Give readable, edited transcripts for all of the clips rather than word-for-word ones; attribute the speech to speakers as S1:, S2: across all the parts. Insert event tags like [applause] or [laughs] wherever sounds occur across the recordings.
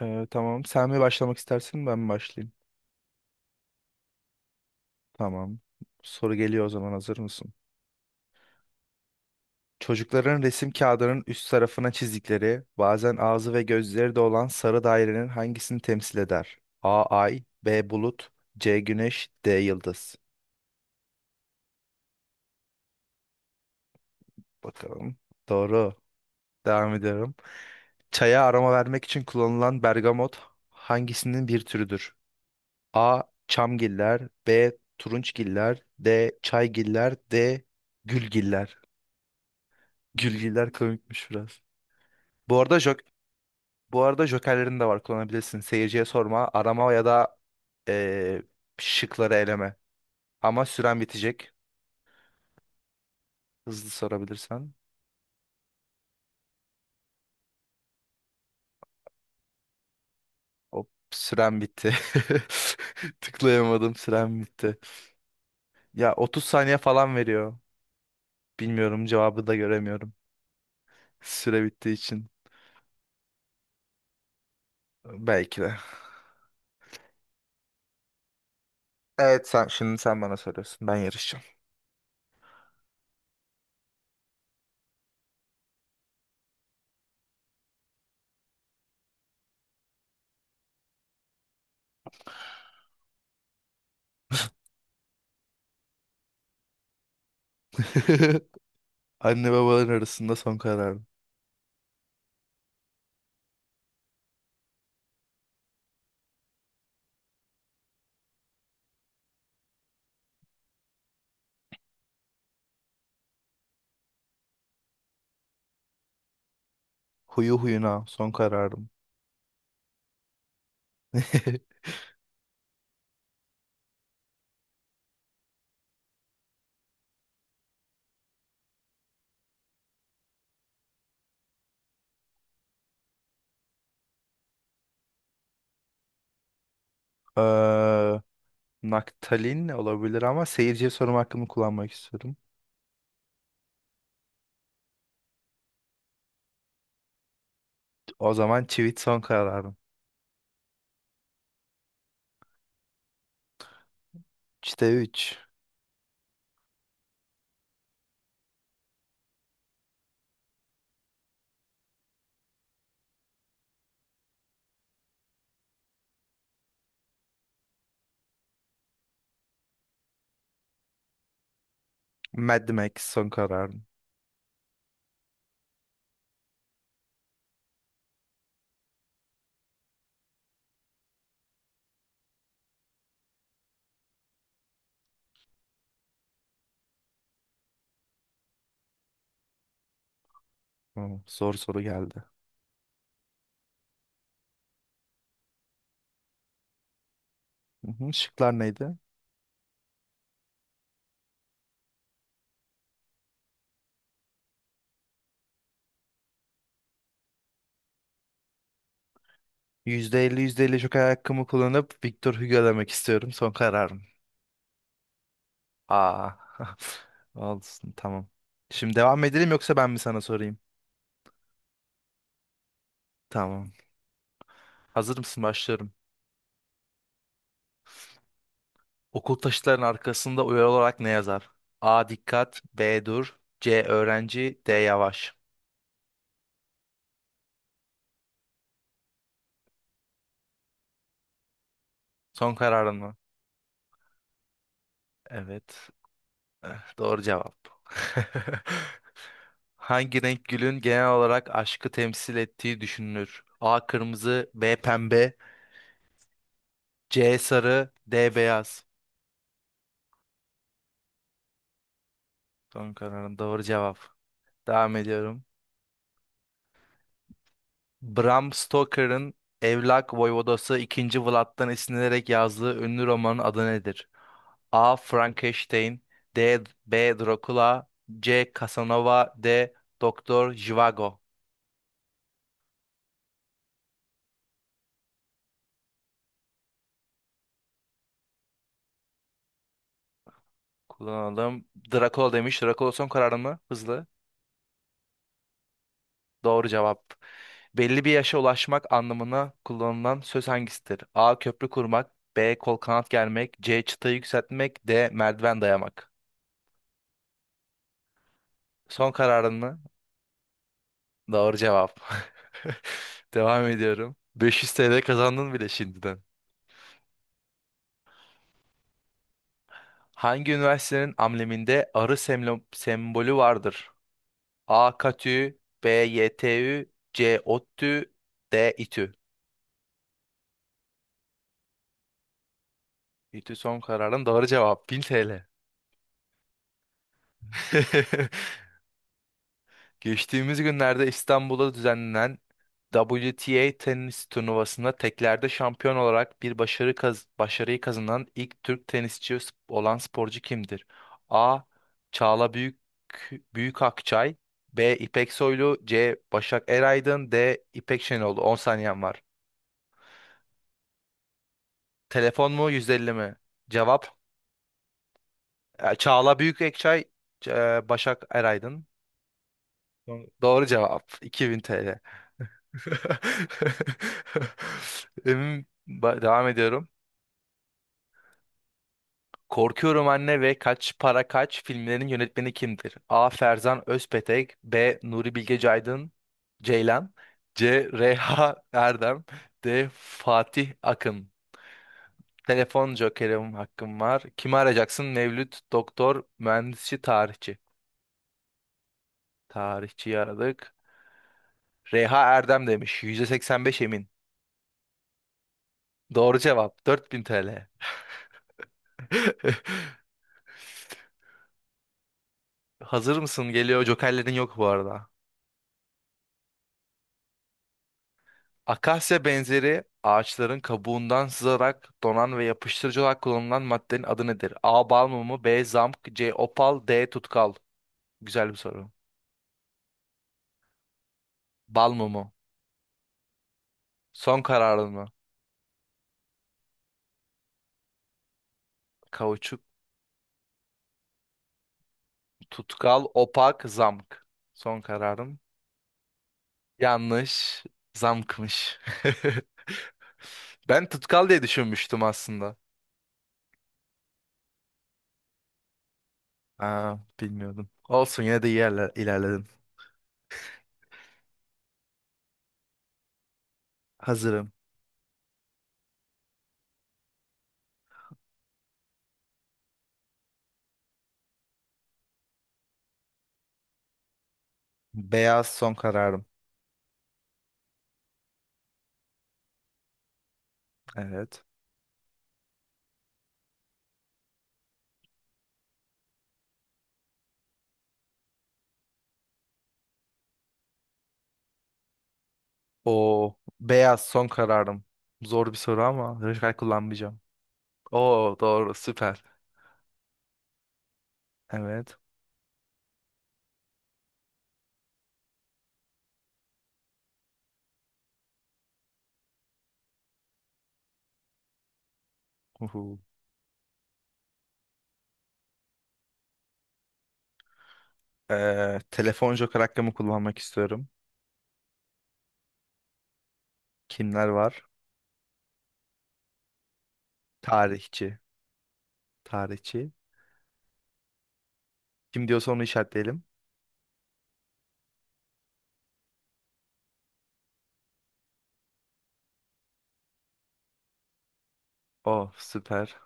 S1: Tamam. Sen mi başlamak istersin, ben mi başlayayım? Tamam. Soru geliyor o zaman. Hazır mısın? Çocukların resim kağıdının üst tarafına çizdikleri, bazen ağzı ve gözleri de olan sarı dairenin hangisini temsil eder? A ay, B bulut, C güneş, D yıldız. Bakalım. Doğru. Devam ediyorum. Çaya aroma vermek için kullanılan bergamot hangisinin bir türüdür? A. Çamgiller, B. Turunçgiller, D. Çaygiller, D. Gülgiller. Gülgiler komikmiş biraz. Bu arada bu arada jokerlerin de var, kullanabilirsin. Seyirciye sorma, arama ya da eee, şıkları eleme. Ama süren bitecek. Hızlı sorabilirsen. Hop, süren bitti. [laughs] Tıklayamadım, süren bitti. Ya 30 saniye falan veriyor. Bilmiyorum, cevabı da göremiyorum. Süre bittiği için. Belki de. Evet, sen şimdi sen bana soruyorsun. Ben yarışacağım. [laughs] Anne babaların arasında son kararım. Huyu huyuna son kararım. [laughs] Ee, Naktalin olabilir ama seyirciye sorum hakkımı kullanmak istiyorum. O zaman çivit son kararım. 3'te üç. Mad Max son kararım. Hı, zor soru geldi. Hı hı, şıklar neydi? %50 %50 joker hakkımı kullanıp Victor Hugo demek istiyorum. Son kararım. Aa. [laughs] Olsun, tamam. Şimdi devam edelim yoksa ben mi sana sorayım? Tamam. Hazır mısın? Başlıyorum. Okul taşıtlarının arkasında uyarı olarak ne yazar? A. Dikkat. B. Dur. C. Öğrenci. D. Yavaş. Son kararın mı? Evet. Eh, doğru cevap. [laughs] Hangi renk gülün genel olarak aşkı temsil ettiği düşünülür? A. Kırmızı. B. Pembe. C. Sarı. D. Beyaz. Son kararın doğru cevap. Devam ediyorum. Bram Stoker'ın Evlak Voyvodası ikinci Vlad'dan esinlenerek yazdığı ünlü romanın adı nedir? A. Frankenstein D. B. Dracula C. Casanova D. Doktor Zhivago. Kullanalım. Dracula demiş. Dracula son kararın mı? Hızlı. Doğru cevap. Belli bir yaşa ulaşmak anlamına kullanılan söz hangisidir? A. Köprü kurmak, B. Kol kanat germek, C. Çıtayı yükseltmek, D. Merdiven dayamak. Son kararın mı? Doğru cevap. [laughs] Devam ediyorum. 500 TL kazandın bile şimdiden. Hangi üniversitenin ambleminde arı sembolü vardır? A. KTÜ, B. YTÜ, C. ODTÜ, D. İTÜ. İTÜ son kararın, doğru cevap, 1000 TL. [laughs] Geçtiğimiz günlerde İstanbul'da düzenlenen WTA tenis turnuvasında teklerde şampiyon olarak bir başarıyı kazanan ilk Türk olan sporcu kimdir? A. Çağla Büyük Akçay, B. İpek Soylu, C. Başak Eraydın, D. İpek Şenoğlu. 10 saniyen var. Telefon mu, 150 mi? Cevap: Çağla Büyük Akçay, C- Başak Eraydın. Doğru cevap, 2000 TL. [laughs] Devam ediyorum. Korkuyorum Anne ve Kaç Para Kaç filmlerinin yönetmeni kimdir? A. Ferzan Özpetek, B. Nuri Bilge Ceylan, C. Reha Erdem, D. Fatih Akın. Telefon jokerim hakkım var. Kimi arayacaksın? Mevlüt, doktor, mühendisçi, tarihçi. Tarihçiyi aradık. Reha Erdem demiş. %85 emin. Doğru cevap. 4000 TL. [laughs] Hazır mısın? Geliyor. Jokerlerin yok bu arada. Akasya benzeri ağaçların kabuğundan sızarak donan ve yapıştırıcı olarak kullanılan maddenin adı nedir? A. Bal mumu, B. Zamk, C. Opal, D. Tutkal. Güzel bir soru. Bal mumu. Son kararın mı? Kauçuk, tutkal, opak, zamk. Son kararım. Yanlış. Zamkmış. [laughs] Ben tutkal diye düşünmüştüm aslında. Aa, bilmiyordum. Olsun, yine de iyi yerler, ilerledim. Hazırım. Beyaz son kararım. Evet. O beyaz son kararım. Zor bir soru ama radikal kullanmayacağım. Oo doğru, süper. Evet. Uhu. Telefon joker hakkımı kullanmak istiyorum. Kimler var? Tarihçi. Tarihçi. Kim diyorsa onu işaretleyelim. Oh süper.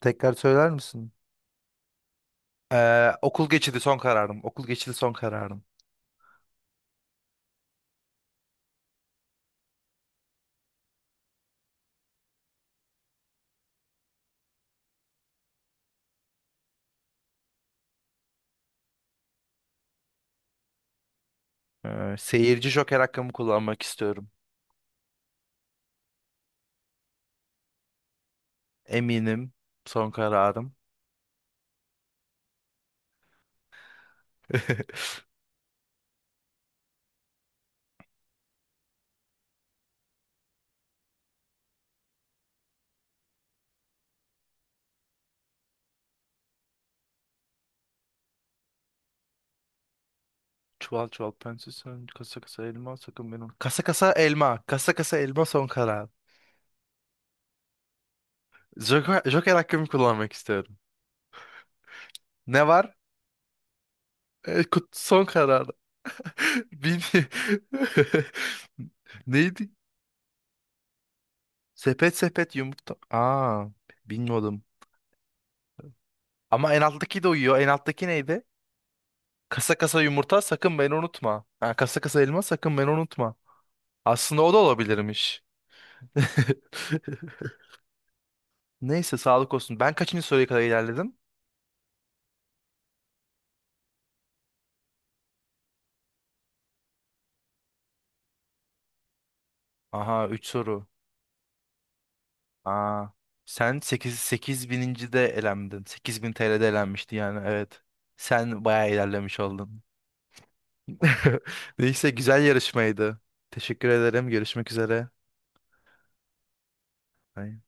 S1: Tekrar söyler misin? Okul geçidi son kararım. Okul geçidi son kararım. Seyirci joker hakkımı kullanmak istiyorum. Eminim, son kararım. [laughs] Çuval çuval pense, sen kasa kasa elma sakın benim. Kasa kasa elma. Kasa kasa elma son karar. Joker hakkımı kullanmak istiyorum. Ne var? Son karar. [laughs] Bil [laughs] Neydi? Sepet sepet yumurta. Aa, bilmiyordum. Ama en alttaki de uyuyor. En alttaki neydi? Kasa kasa yumurta sakın beni unutma. Ha, kasa kasa elma sakın beni unutma. Aslında o da olabilirmiş. [laughs] Neyse, sağlık olsun. Ben kaçıncı soruya kadar ilerledim? Aha, 3 soru. Aa, sen sekiz bininci de elendin. 8000 TL'de elenmişti, yani evet. Sen bayağı ilerlemiş oldun. [laughs] Neyse, güzel yarışmaydı. Teşekkür ederim. Görüşmek üzere. Bye.